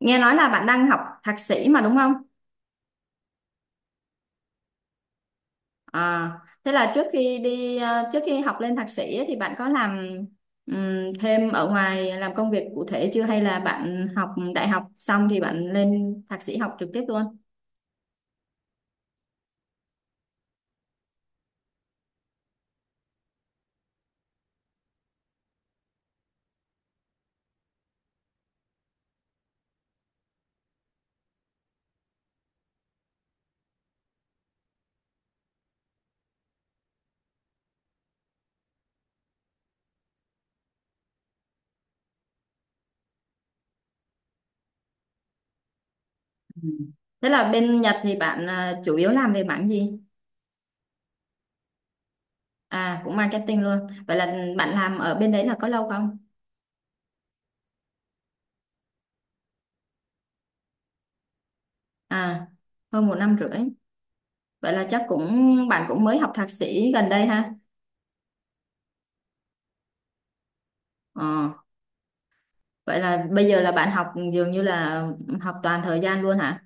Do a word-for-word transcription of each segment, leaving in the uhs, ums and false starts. Nghe nói là bạn đang học thạc sĩ mà đúng không? À, thế là trước khi đi ờ, trước khi học lên thạc sĩ ấy, thì bạn có làm ừm, thêm ở ngoài làm công việc cụ thể chưa hay là bạn học đại học xong thì bạn lên thạc sĩ học trực tiếp luôn? Ừ. Thế là bên Nhật thì bạn ờ, chủ yếu làm về mảng gì? À cũng marketing luôn. Vậy là bạn làm ở bên đấy là có lâu không? À hơn một năm rưỡi. Vậy là chắc cũng bạn cũng mới học thạc sĩ gần đây ha? Ờ. Vậy là bây giờ là bạn học dường như là học toàn thời gian luôn hả?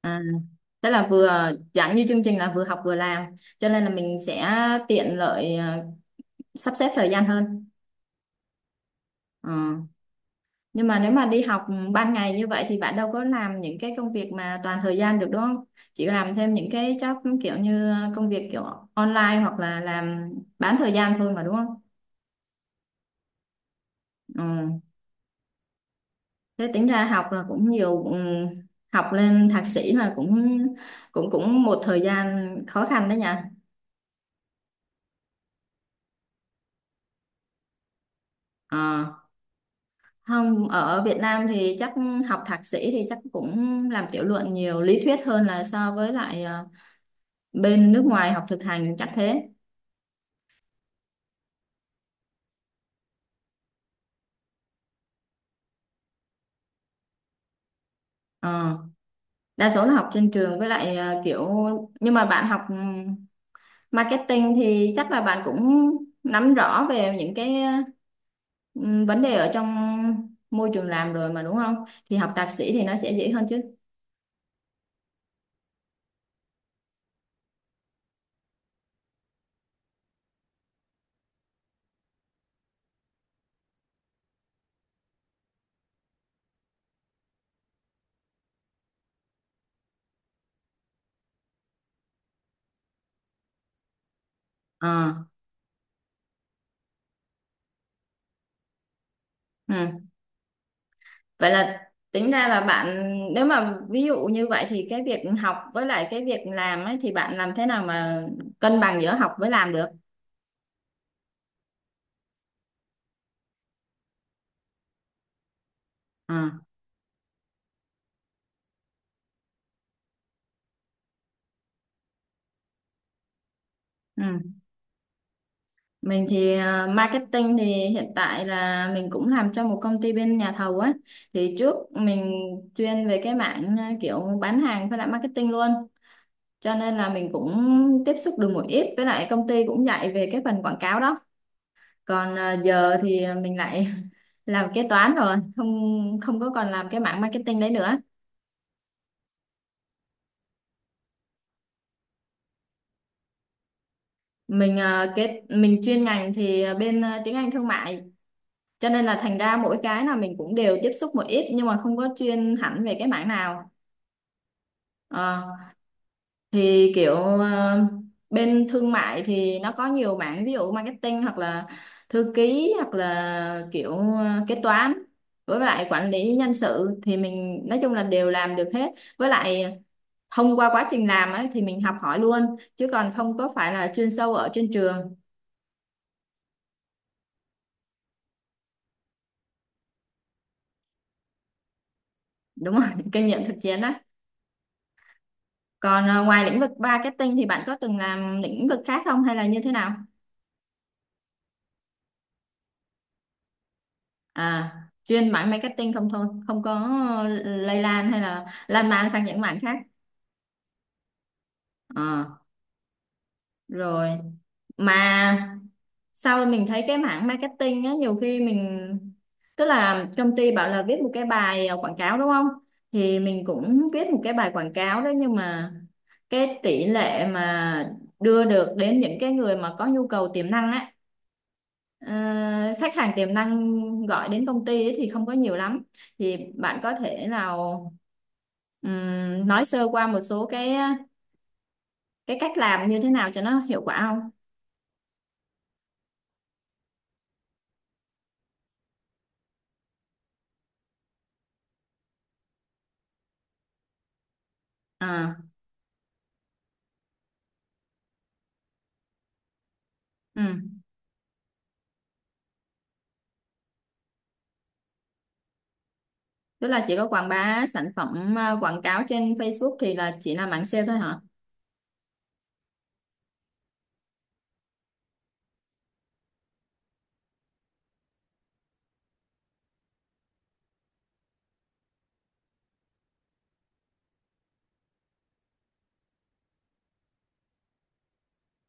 À, thế là vừa chẳng như chương trình là vừa học vừa làm, cho nên là mình sẽ tiện lợi ờ, sắp xếp thời gian hơn. Ờ. Nhưng mà nếu mà đi học ban ngày như vậy thì bạn đâu có làm những cái công việc mà toàn thời gian được đúng không? Chỉ làm thêm những cái job kiểu như công việc kiểu online hoặc là làm bán thời gian thôi mà đúng không? Ừ. Thế tính ra học là cũng nhiều ừm, học lên thạc sĩ là cũng cũng cũng một thời gian khó khăn đấy nha. Ờ, không ở Việt Nam thì chắc học thạc sĩ thì chắc cũng làm tiểu luận nhiều lý thuyết hơn là so với lại ờ, bên nước ngoài học thực hành chắc thế. Ờ, đa số là học trên trường với lại ờ, kiểu nhưng mà bạn học ừ, marketing thì chắc là bạn cũng nắm rõ về những cái ừ, vấn đề ở trong môi trường làm rồi mà đúng không? Thì học thạc sĩ thì nó sẽ dễ hơn chứ. Ờ, ừ. Vậy là tính ra là bạn nếu mà ví dụ như vậy thì cái việc học với lại cái việc làm ấy thì bạn làm thế nào mà cân bằng giữa học với làm được? Ờ, ừ. Mình thì à, marketing thì hiện tại là mình cũng làm cho một công ty bên nhà thầu á. Thì trước mình chuyên về cái mảng à, kiểu bán hàng với lại marketing luôn. Cho nên là mình cũng tiếp xúc được một ít với lại công ty cũng dạy về cái phần quảng cáo đó. Còn à, giờ thì mình lại làm kế toán rồi, không không có còn làm cái mảng marketing đấy nữa. Mình à, cái mình chuyên ngành thì ờ, bên à, tiếng Anh thương mại cho nên là thành ra mỗi cái là mình cũng đều tiếp xúc một ít nhưng mà không có chuyên hẳn về cái mảng nào. Ờ, thì kiểu ờ, bên thương mại thì nó có nhiều mảng ví dụ marketing hoặc là thư ký hoặc là kiểu ờ, kế toán với lại quản lý nhân sự thì mình nói chung là đều làm được hết với lại thông qua quá trình làm ấy thì mình học hỏi luôn chứ còn không có phải là chuyên sâu ở trên trường. Đúng rồi, kinh nghiệm thực chiến á. Còn ờ, ngoài lĩnh vực marketing thì bạn có từng làm lĩnh vực khác không hay là như thế nào? À chuyên mảng marketing không thôi không có lây lan hay là lan man sang những mảng khác. Ờ, rồi mà sau mình thấy cái mảng marketing á nhiều khi mình tức là công ty bảo là viết một cái bài ờ, quảng cáo đúng không thì mình cũng viết một cái bài quảng cáo đấy nhưng mà cái tỷ lệ mà đưa được đến những cái người mà có nhu cầu tiềm năng á. Ờ, khách hàng tiềm năng gọi đến công ty ấy thì không có nhiều lắm, thì bạn có thể nào ừm, nói sơ qua một số cái cái cách làm như thế nào cho nó hiệu quả không? À, ừ. Tức là chỉ có quảng bá sản phẩm ờ, quảng cáo trên Facebook thì là chỉ là mảng sale thôi hả?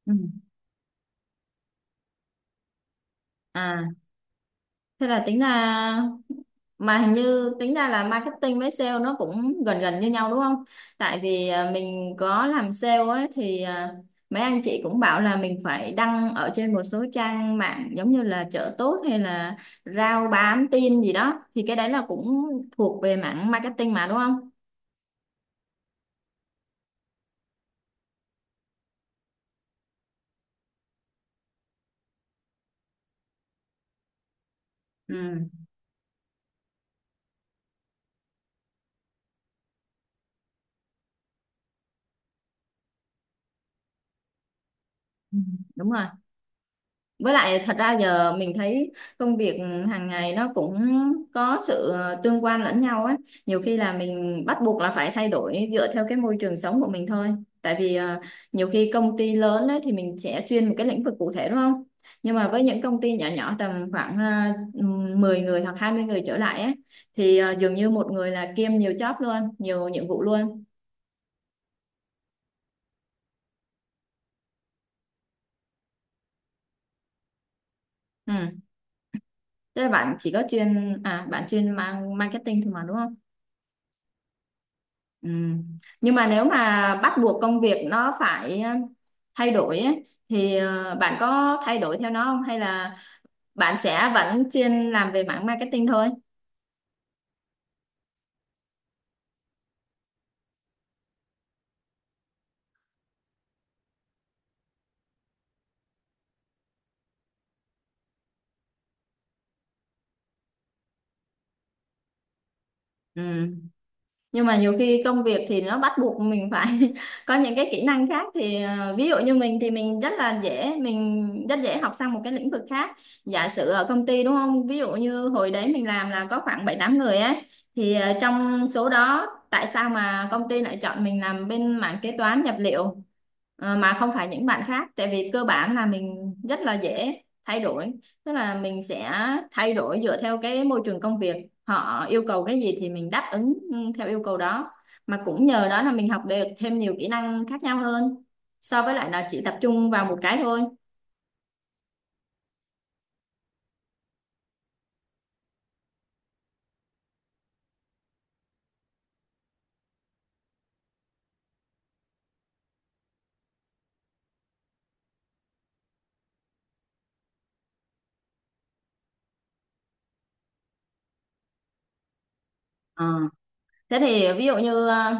Ừ. À, thế là tính ra mà hình như tính ra là marketing với sale nó cũng gần gần như nhau đúng không? Tại vì à, mình có làm sale ấy thì à, mấy anh chị cũng bảo là mình phải đăng ở trên một số trang mạng giống như là chợ tốt hay là rao bán tin gì đó thì cái đấy là cũng thuộc về mảng marketing mà đúng không? Ừ. Ừ, đúng rồi. Với lại thật ra giờ mình thấy công việc ừ, hàng ngày nó cũng có sự ờ, tương quan lẫn nhau á. Nhiều khi là mình bắt buộc là phải thay đổi dựa theo cái môi trường sống của mình thôi. Tại vì ờ, nhiều khi công ty lớn ấy, thì mình sẽ chuyên một cái lĩnh vực cụ thể đúng không? Nhưng mà với những công ty nhỏ nhỏ tầm khoảng ờ, mười người hoặc hai mươi người trở lại ấy, thì ờ, dường như một người là kiêm nhiều job luôn, nhiều nhiệm vụ luôn. Ừ. Thế là bạn chỉ có chuyên à bạn chuyên mang marketing thôi mà đúng không? Ừ. Nhưng mà nếu mà bắt buộc công việc nó phải ờ, thay đổi ấy, thì ờ, bạn có thay đổi theo nó không hay là bạn sẽ vẫn chuyên làm về mảng marketing thôi? Ừ. Nhưng mà nhiều khi công việc thì nó bắt buộc mình phải có những cái kỹ năng khác thì ờ, ví dụ như mình thì mình rất là dễ mình rất dễ học sang một cái lĩnh vực khác. Giả sử ở công ty đúng không, ví dụ như hồi đấy mình làm là có khoảng bảy tám người ấy, thì ờ, trong số đó tại sao mà công ty lại chọn mình làm bên mảng kế toán nhập liệu ờ, mà không phải những bạn khác, tại vì cơ bản là mình rất là dễ thay đổi, tức là mình sẽ thay đổi dựa theo cái môi trường công việc, họ yêu cầu cái gì thì mình đáp ứng ừ, theo yêu cầu đó, mà cũng nhờ đó là mình học được thêm nhiều kỹ năng khác nhau hơn so với lại là chỉ tập trung vào một cái thôi. Ờ. Thế thì ví dụ như ờ,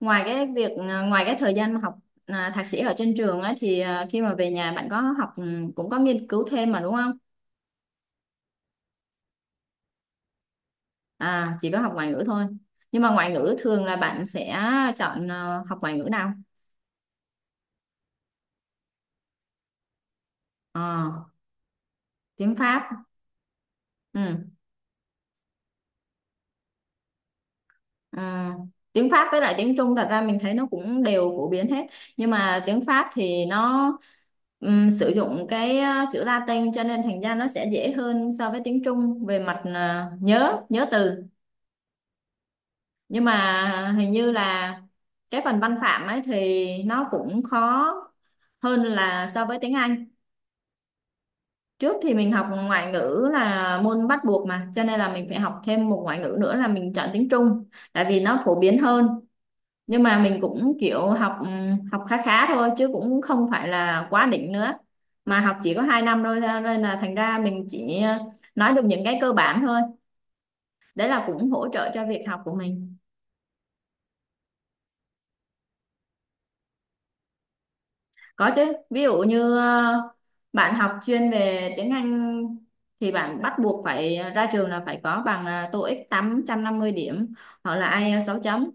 ngoài cái việc ờ, ngoài cái thời gian mà học ờ, thạc sĩ ở trên trường ấy, thì ờ, khi mà về nhà bạn có học ừ, cũng có nghiên cứu thêm mà đúng không? À chỉ có học ngoại ngữ thôi, nhưng mà ngoại ngữ thường là bạn sẽ chọn ờ, học ngoại ngữ nào? Ờ, tiếng Pháp. Ừ. À, tiếng Pháp với lại tiếng Trung thật ra mình thấy nó cũng đều phổ biến hết, nhưng mà tiếng Pháp thì nó ừm, sử dụng cái ờ, chữ Latin cho nên thành ra nó sẽ dễ hơn so với tiếng Trung về mặt ờ, nhớ nhớ từ. Nhưng mà hình như là cái phần văn phạm ấy thì nó cũng khó hơn là so với tiếng Anh. Trước thì mình học ngoại ngữ là môn bắt buộc mà, cho nên là mình phải học thêm một ngoại ngữ nữa là mình chọn tiếng Trung, tại vì nó phổ biến hơn. Nhưng mà mình cũng kiểu học ừ, học khá khá thôi chứ cũng không phải là quá đỉnh nữa, mà học chỉ có hai năm thôi nên là thành ra mình chỉ ờ, nói được những cái cơ bản thôi, đấy là cũng hỗ trợ cho việc học của mình. Có chứ, ví dụ như ờ, bạn học chuyên về tiếng Anh thì bạn bắt buộc phải ra trường là phải có bằng ờ, TOEIC tám trăm năm mươi điểm hoặc là IELTS sáu chấm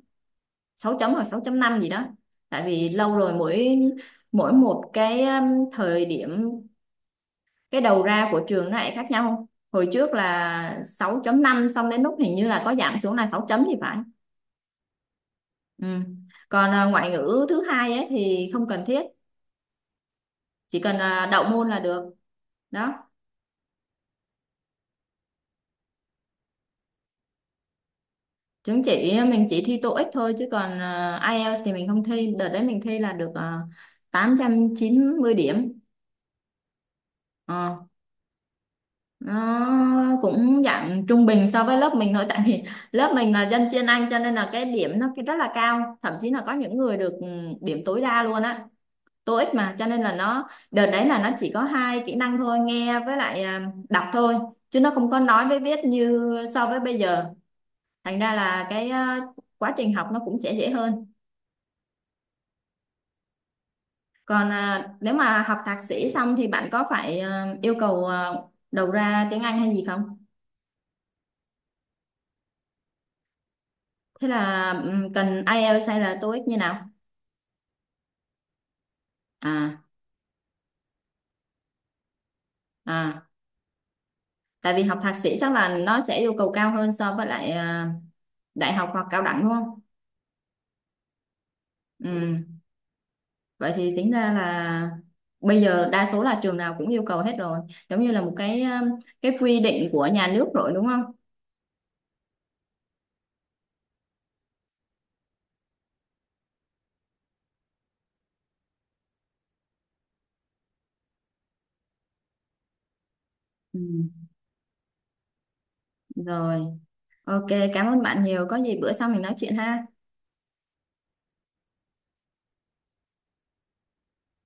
sáu chấm hoặc sáu chấm năm gì đó, tại vì lâu rồi, mỗi mỗi một cái um, thời điểm cái đầu ra của trường nó lại khác nhau. Không? Hồi trước là sáu chấm năm, xong đến lúc hình như là có giảm xuống là sáu chấm thì phải. Ừ. Còn à, ngoại ngữ thứ hai ấy thì không cần thiết, chỉ cần à, đậu môn là được. Đó, chứng chỉ mình chỉ thi TOEIC thôi chứ còn à, IELTS thì mình không thi, đợt đấy mình thi là được à, tám trăm chín mươi điểm. Ờ, nó cũng dạng trung bình so với lớp mình thôi tại vì lớp mình là dân chuyên Anh cho nên là cái điểm nó cái rất là cao, thậm chí là có những người được ừ, điểm tối đa luôn á TOEIC, mà cho nên là nó đợt đấy là nó chỉ có hai kỹ năng thôi nghe với lại à, đọc thôi, chứ nó không có nói với viết như so với bây giờ, thành ra là cái à, quá trình học nó cũng sẽ dễ hơn. Còn à, nếu mà học thạc sĩ xong thì bạn có phải à, yêu cầu à, đầu ra tiếng Anh hay gì không? Thế là ừm, cần IELTS hay là TOEIC như nào à? À tại vì học thạc sĩ chắc là nó sẽ yêu cầu cao hơn so với lại à, đại học hoặc cao đẳng đúng không? Ừ. Vậy thì tính ra là bây giờ đa số là trường nào cũng yêu cầu hết rồi, giống như là một cái um, cái quy định của nhà nước rồi đúng không? Ừ. Rồi, ok, cảm ơn bạn nhiều. Có gì bữa sau mình nói chuyện ha.